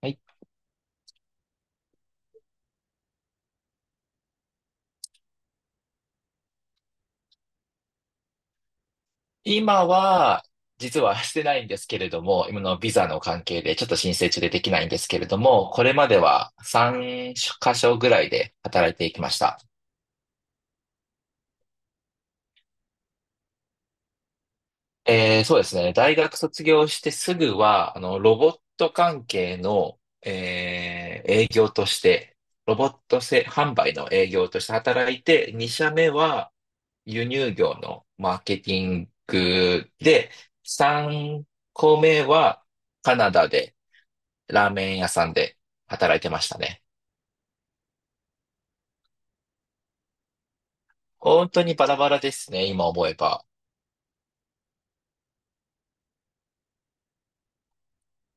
はい。今は、実はしてないんですけれども、今のビザの関係でちょっと申請中でできないんですけれども、これまでは3箇所ぐらいで働いていきました。そうですね。大学卒業してすぐは、ロボット関係の、営業として、ロボット製販売の営業として働いて、2社目は輸入業のマーケティングで、3個目はカナダで、ラーメン屋さんで働いてましたね。本当にバラバラですね、今思えば。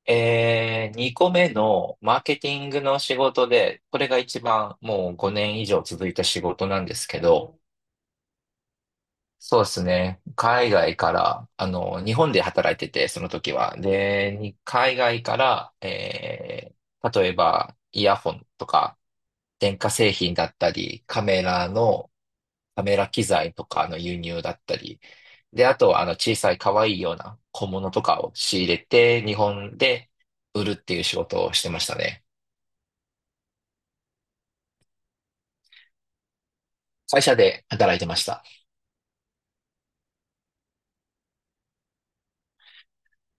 2個目のマーケティングの仕事で、これが一番もう5年以上続いた仕事なんですけど、そうですね。海外から、日本で働いてて、その時は。で、に海外から、例えば、イヤホンとか、電化製品だったり、カメラ機材とかの輸入だったり、で、あとは小さい可愛いような小物とかを仕入れて、日本で売るっていう仕事をしてましたね。会社で働いてました。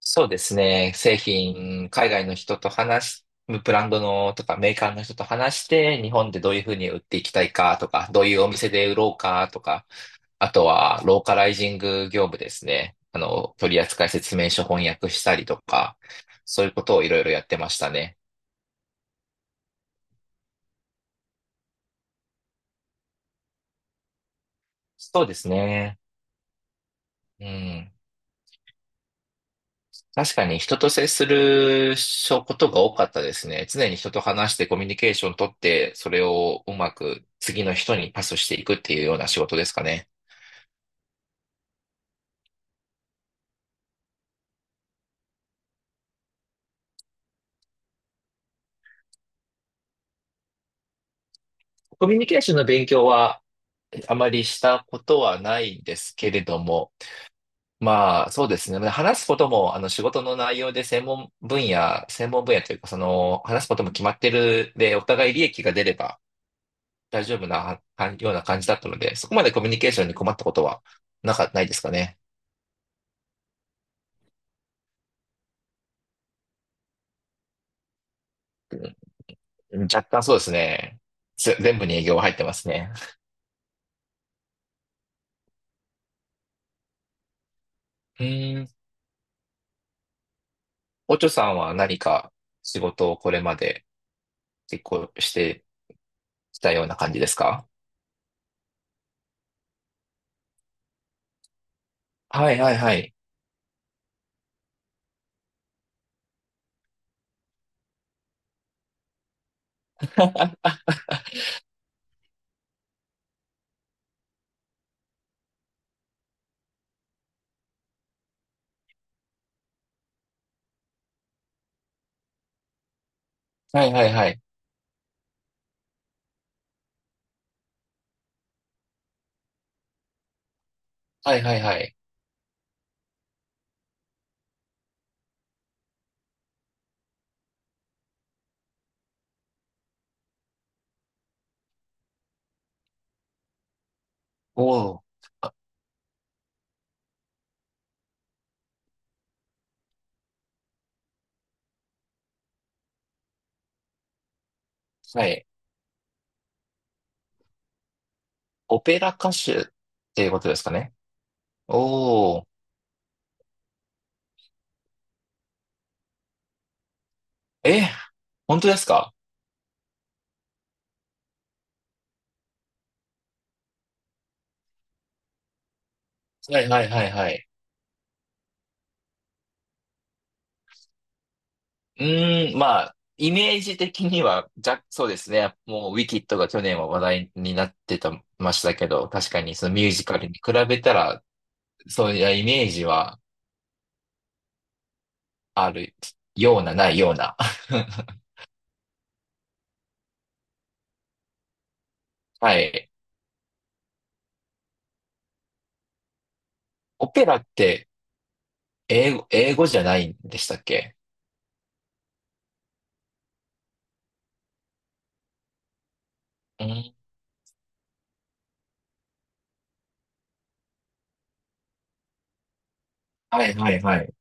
そうですね。製品、海外の人と話し、ブランドのとかメーカーの人と話して、日本でどういうふうに売っていきたいかとか、どういうお店で売ろうかとか、あとは、ローカライジング業務ですね。取扱説明書翻訳したりとか、そういうことをいろいろやってましたね。そうですね。うん。確かに人と接することが多かったですね。常に人と話してコミュニケーション取って、それをうまく次の人にパスしていくっていうような仕事ですかね。コミュニケーションの勉強はあまりしたことはないですけれども、まあ、そうですね。話すことも、仕事の内容で専門分野というか、話すことも決まってるで、お互い利益が出れば大丈夫なはような感じだったので、そこまでコミュニケーションに困ったことはないですかね。うん。若干そうですね。全部に営業が入ってますね。うん。おちょさんは何か仕事をこれまで結構してきたような感じですか？はいはいはい。はいはいはい。はいはいはい。おー。はい。オペラ歌手っていうことですかね。おー。え、本当ですか？はいはいはいはい。うーん、まあ、イメージ的には、じゃ、そうですね。もう、ウィキッドが去年は話題になってた、ましたけど、確かにそのミュージカルに比べたら、そういうイメージはあるような、ないような。はい。オペラって英語じゃないんでしたっけ？うん。はいはいはい。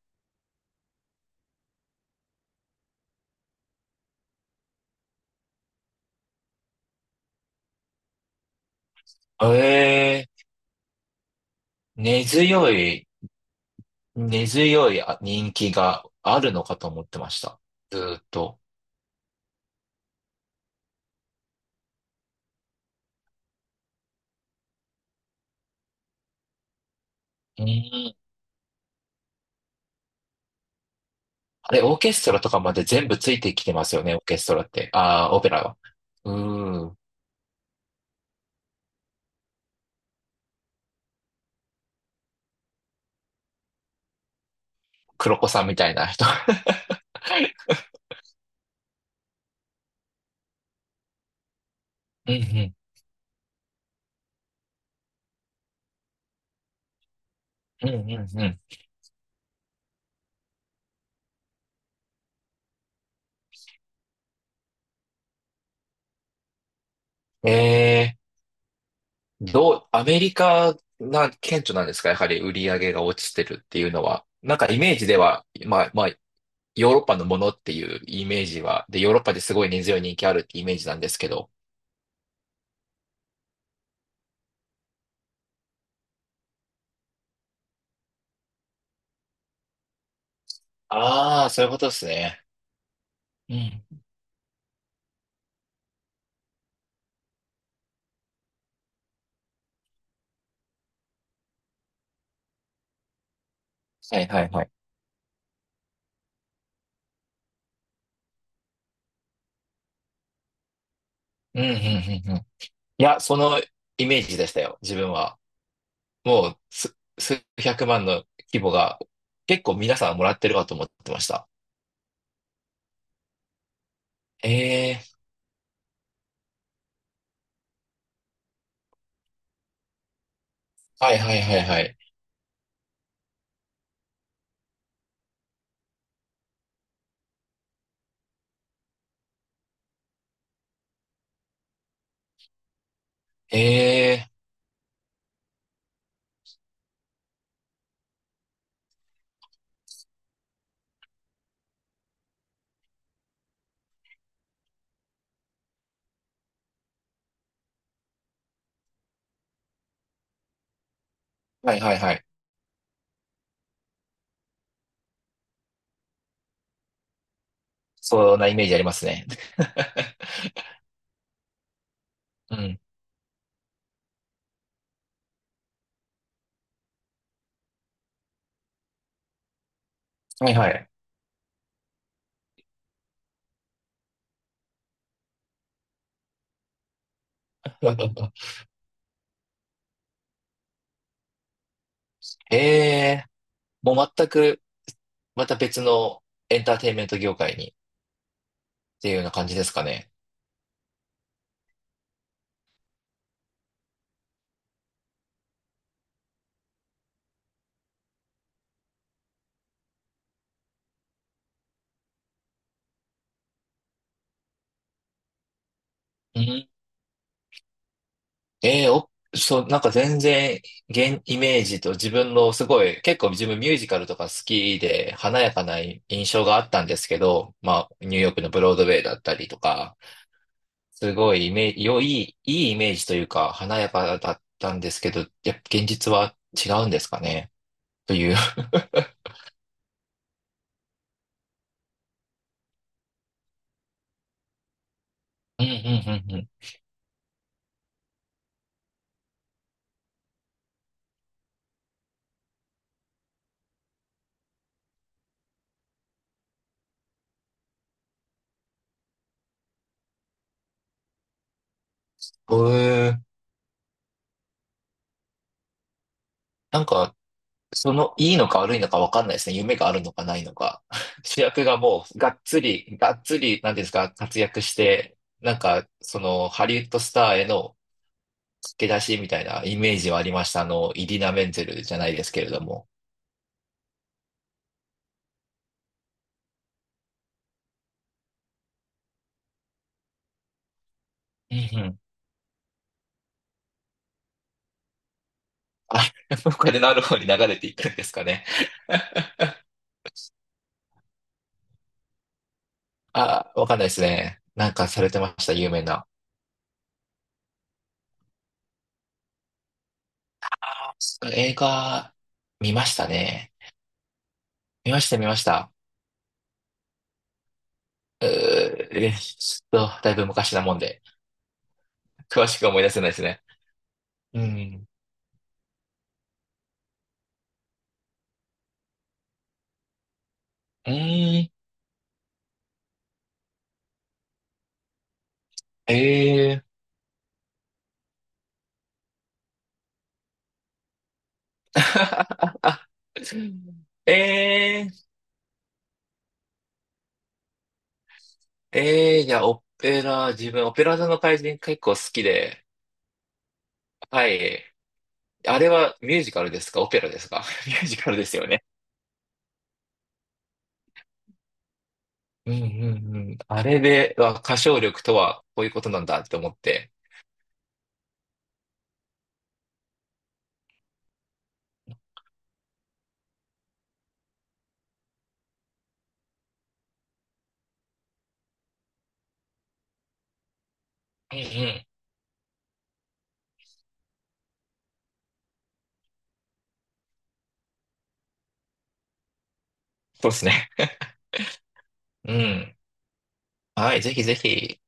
ええ、根強い根強い人気があるのかと思ってました。ずーっと。うん。あれ、オーケストラとかまで全部ついてきてますよね、オーケストラって。ああ、オペラは。うーん。黒子さんみたいな人。うんうん。うんうんうん。えアメリカが顕著なんですか？やはり売り上げが落ちてるっていうのは。なんかイメージでは、まあまあ、ヨーロッパのものっていうイメージは、で、ヨーロッパですごい根強い人気あるってイメージなんですけど。ああ、そういうことですね。うん。はいはいはい。うん、うん、うん、うん。いや、そのイメージでしたよ、自分は。もう、数百万の規模が、結構皆さんもらってるかと思ってました。ええーはいはいはいはい。ええーはいはいはい。そんなイメージありますね。うん。はいはい。ええーもう全く、また別のエンターテインメント業界にっていうような感じですかね。うーん、ええお、そう、なんか全然、イメージと自分のすごい、結構自分ミュージカルとか好きで、華やかな印象があったんですけど、まあ、ニューヨークのブロードウェイだったりとか、すごいイメージ、いいイメージというか、華やかだったんですけど、やっぱ現実は違うんですかね、という。うん、うん、うん、うん。うーん。なんか、いいのか悪いのか分かんないですね。夢があるのかないのか。主役がもう、がっつり、がっつり、なんていうんですか、活躍して、なんか、ハリウッドスターへの駆け出しみたいなイメージはありました。イリナ・メンゼルじゃないですけれども。うんうん。あ、これのある方に流れていくんですかね。あ、わかんないですね。なんかされてました、有名な。映画、見ましたね。見ました、見ました。うー、えーちょっと、だいぶ昔なもんで、詳しく思い出せないですね。うん。うん。えー。えー。えー。いや、オペラ、自分、オペラ座の怪人結構好きで。はい。あれはミュージカルですか、オペラですか？ ミュージカルですよね。うんうんうん。あれでは歌唱力とはこういうことなんだって思って。うんうん。そうですね。うん。はい、ぜひぜひ。